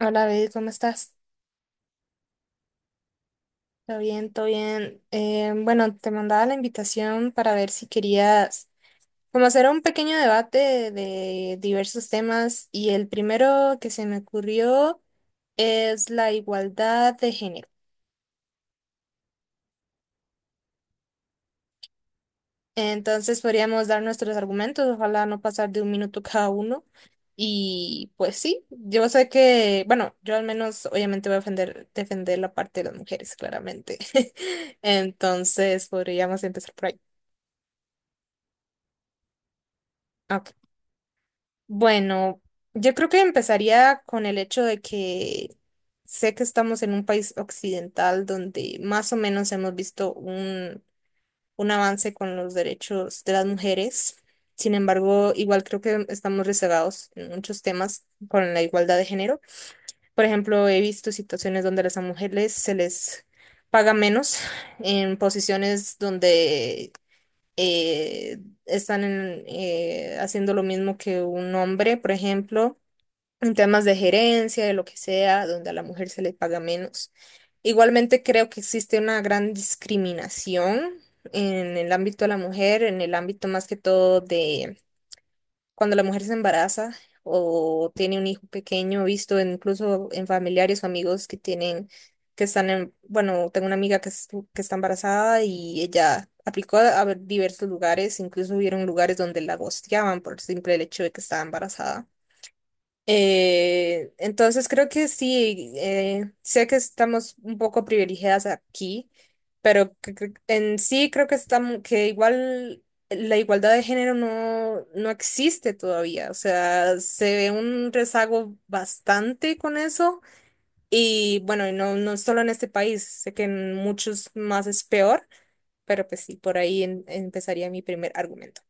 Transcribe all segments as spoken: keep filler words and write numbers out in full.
Hola, David, ¿cómo estás? ¿Todo bien? ¿Todo bien? Eh, bueno, te mandaba la invitación para ver si querías como hacer un pequeño debate de diversos temas y el primero que se me ocurrió es la igualdad de género. Entonces podríamos dar nuestros argumentos, ojalá no pasar de un minuto cada uno. Y pues sí, yo sé que, bueno, yo al menos obviamente voy a defender, defender la parte de las mujeres, claramente. Entonces podríamos empezar por ahí. Ok. Bueno, yo creo que empezaría con el hecho de que sé que estamos en un país occidental donde más o menos hemos visto un, un avance con los derechos de las mujeres. Sin embargo, igual creo que estamos rezagados en muchos temas con la igualdad de género. Por ejemplo, he visto situaciones donde a las mujeres se les paga menos en posiciones donde eh, están en, eh, haciendo lo mismo que un hombre, por ejemplo en temas de gerencia, de lo que sea, donde a la mujer se le paga menos. Igualmente creo que existe una gran discriminación en el ámbito de la mujer, en el ámbito más que todo de cuando la mujer se embaraza o tiene un hijo pequeño, visto en- incluso en familiares o amigos que tienen, que están en, bueno, tengo una amiga que, estu- que está embarazada y ella aplicó a, a diversos lugares, incluso hubieron lugares donde la gosteaban por el simple hecho de que estaba embarazada. Eh, entonces creo que sí, eh, sé que estamos un poco privilegiadas aquí, pero cre- cre- en sí creo que estamos, que igual la igualdad de género no, no existe todavía. O sea, se ve un rezago bastante con eso. Y bueno, y no, no solo en este país, sé que en muchos más es peor, pero pues sí, por ahí en- empezaría mi primer argumento.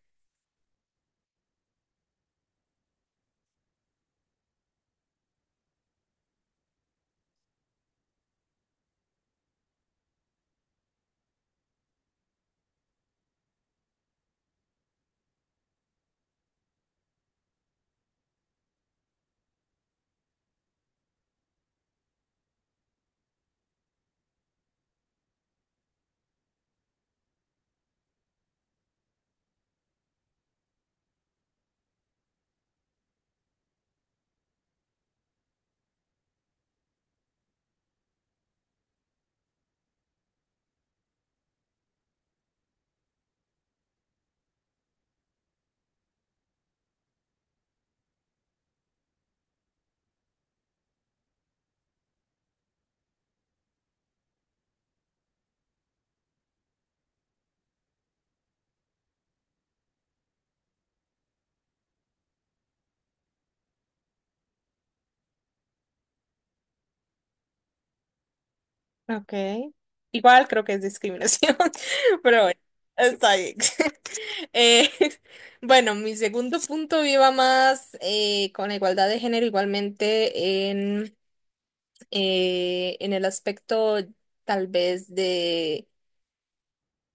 Ok. Igual creo que es discriminación, pero bueno, está bien. Eh, bueno, mi segundo punto iba más eh, con la igualdad de género, igualmente en, eh, en el aspecto tal vez de,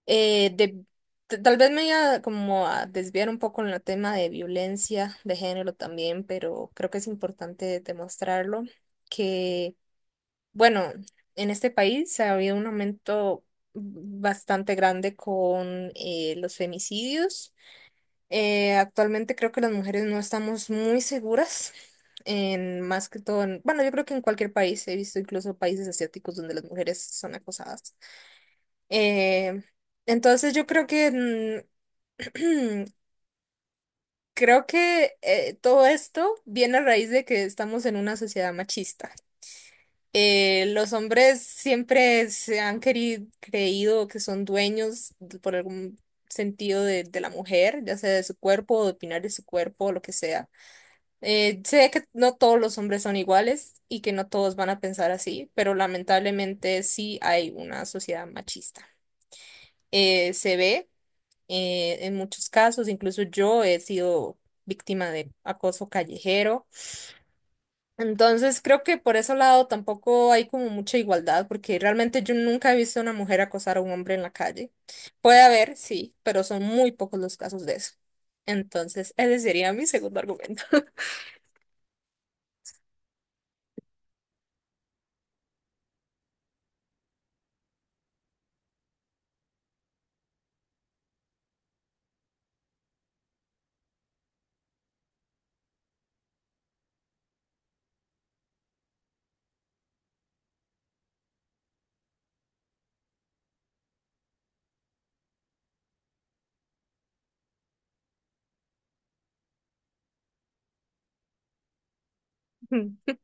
eh, de t- tal vez me iba como a desviar un poco en el tema de violencia de género también, pero creo que es importante demostrarlo, bueno, en este país ha habido un aumento bastante grande con eh, los femicidios. Eh, actualmente creo que las mujeres no estamos muy seguras, en, más que todo en, bueno, yo creo que en cualquier país, he visto incluso países asiáticos donde las mujeres son acosadas. Eh, entonces yo creo que mm, creo que eh, todo esto viene a raíz de que estamos en una sociedad machista. Eh, los hombres siempre se han querido, creído que son dueños de- por algún sentido de, de la mujer, ya sea de su cuerpo o de opinar de su cuerpo o lo que sea. Eh, sé que no todos los hombres son iguales y que no todos van a pensar así, pero lamentablemente sí hay una sociedad machista. Eh, se ve eh, en muchos casos, incluso yo he sido víctima de acoso callejero, entonces creo que por ese lado tampoco hay como mucha igualdad, porque realmente yo nunca he visto a una mujer acosar a un hombre en la calle. Puede haber, sí, pero son muy pocos los casos de eso. Entonces, ese sería mi segundo argumento.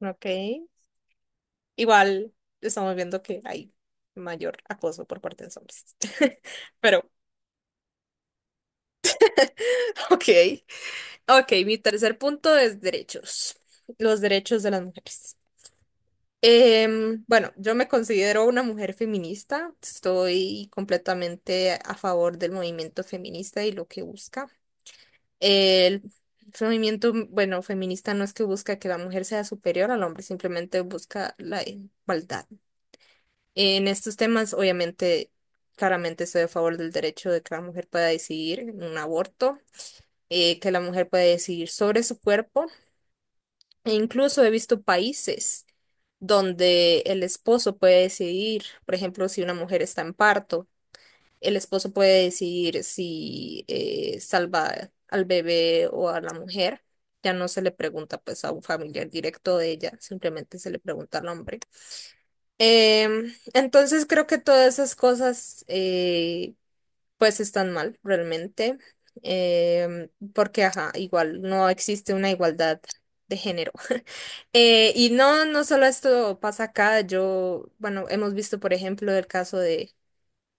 Ok. Igual estamos viendo que hay mayor acoso por parte de los hombres. Pero, ok. Ok, mi tercer punto es derechos. Los derechos de las mujeres. Em, bueno, yo me considero una mujer feminista, estoy completamente a favor del movimiento feminista y lo que busca. El movimiento, bueno, feminista no es que busca que la mujer sea superior al hombre, simplemente busca la igualdad. En estos temas, obviamente, claramente estoy a favor del derecho de que la mujer pueda decidir en un aborto, eh, que la mujer pueda decidir sobre su cuerpo, e incluso he visto países donde el esposo puede decidir, por ejemplo, si una mujer está en parto, el esposo puede decidir si eh, salva al bebé o a la mujer. Ya no se le pregunta pues a un familiar directo de ella, simplemente se le pregunta al hombre. Em, entonces creo que todas esas cosas eh, pues están mal realmente, em, porque ajá, igual no existe una igualdad de género. Eh, y no, no solo esto pasa acá, yo, bueno, hemos visto, por ejemplo, el caso de,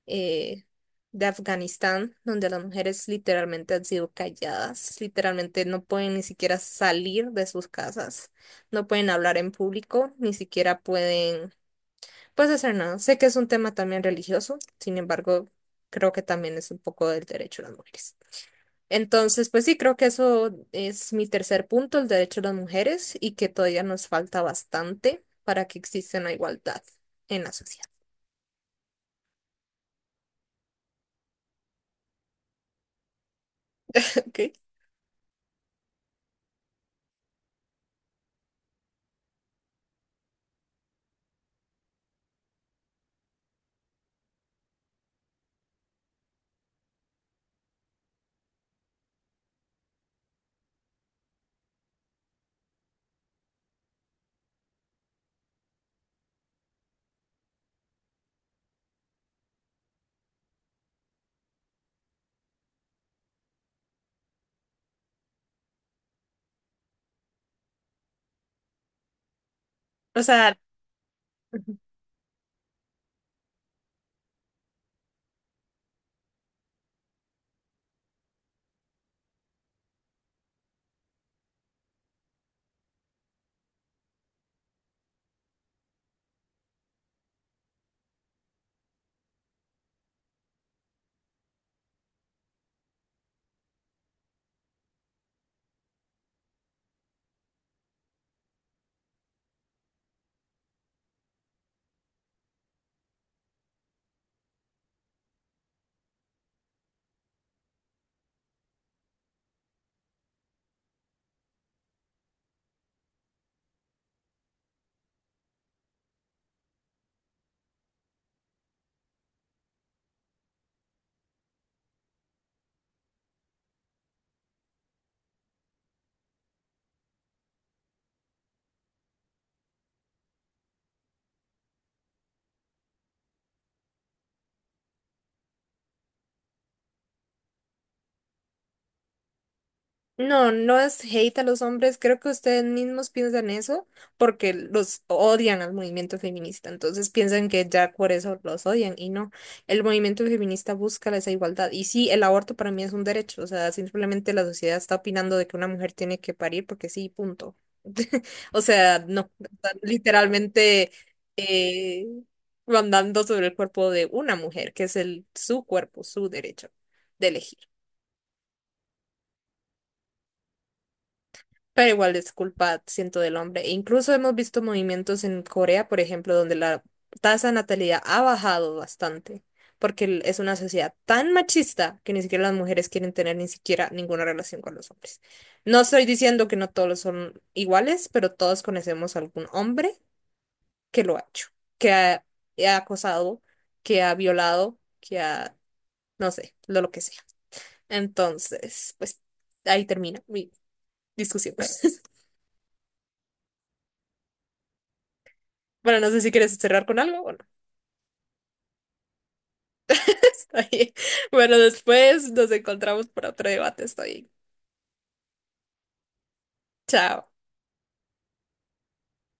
eh, de Afganistán, donde las mujeres literalmente han sido calladas, literalmente no pueden ni siquiera salir de sus casas, no pueden hablar en público, ni siquiera pueden pues hacer nada. Sé que es un tema también religioso, sin embargo, creo que también es un poco del derecho de las mujeres. Entonces, pues sí, creo que eso es mi tercer punto, el derecho de las mujeres, y que todavía nos falta bastante para que exista una igualdad en la sociedad. ¿Ok? O sea, no, no es hate a los hombres, creo que ustedes mismos piensan eso porque los odian al movimiento feminista, entonces piensan que ya por eso los odian y no, el movimiento feminista busca esa igualdad y sí, el aborto para mí es un derecho, o sea, simplemente la sociedad está opinando de que una mujer tiene que parir porque sí, punto. O sea, no, están literalmente eh, mandando sobre el cuerpo de una mujer, que es el su cuerpo, su derecho de elegir. Pero igual es culpa, siento, del hombre. E incluso hemos visto movimientos en Corea, por ejemplo, donde la tasa de natalidad ha bajado bastante, porque el- es una sociedad tan machista que ni siquiera las mujeres quieren tener ni siquiera ninguna relación con los hombres. No estoy diciendo que no todos son iguales, pero todos conocemos algún hombre que lo ha hecho, que ha, ha acosado, que ha violado, que ha, no sé, lo, lo que sea. Entonces, pues ahí termina mi discusión. Bueno, no sé si quieres cerrar con algo. Bueno, está bien. Bueno, después nos encontramos para otro debate. Estoy. Chao.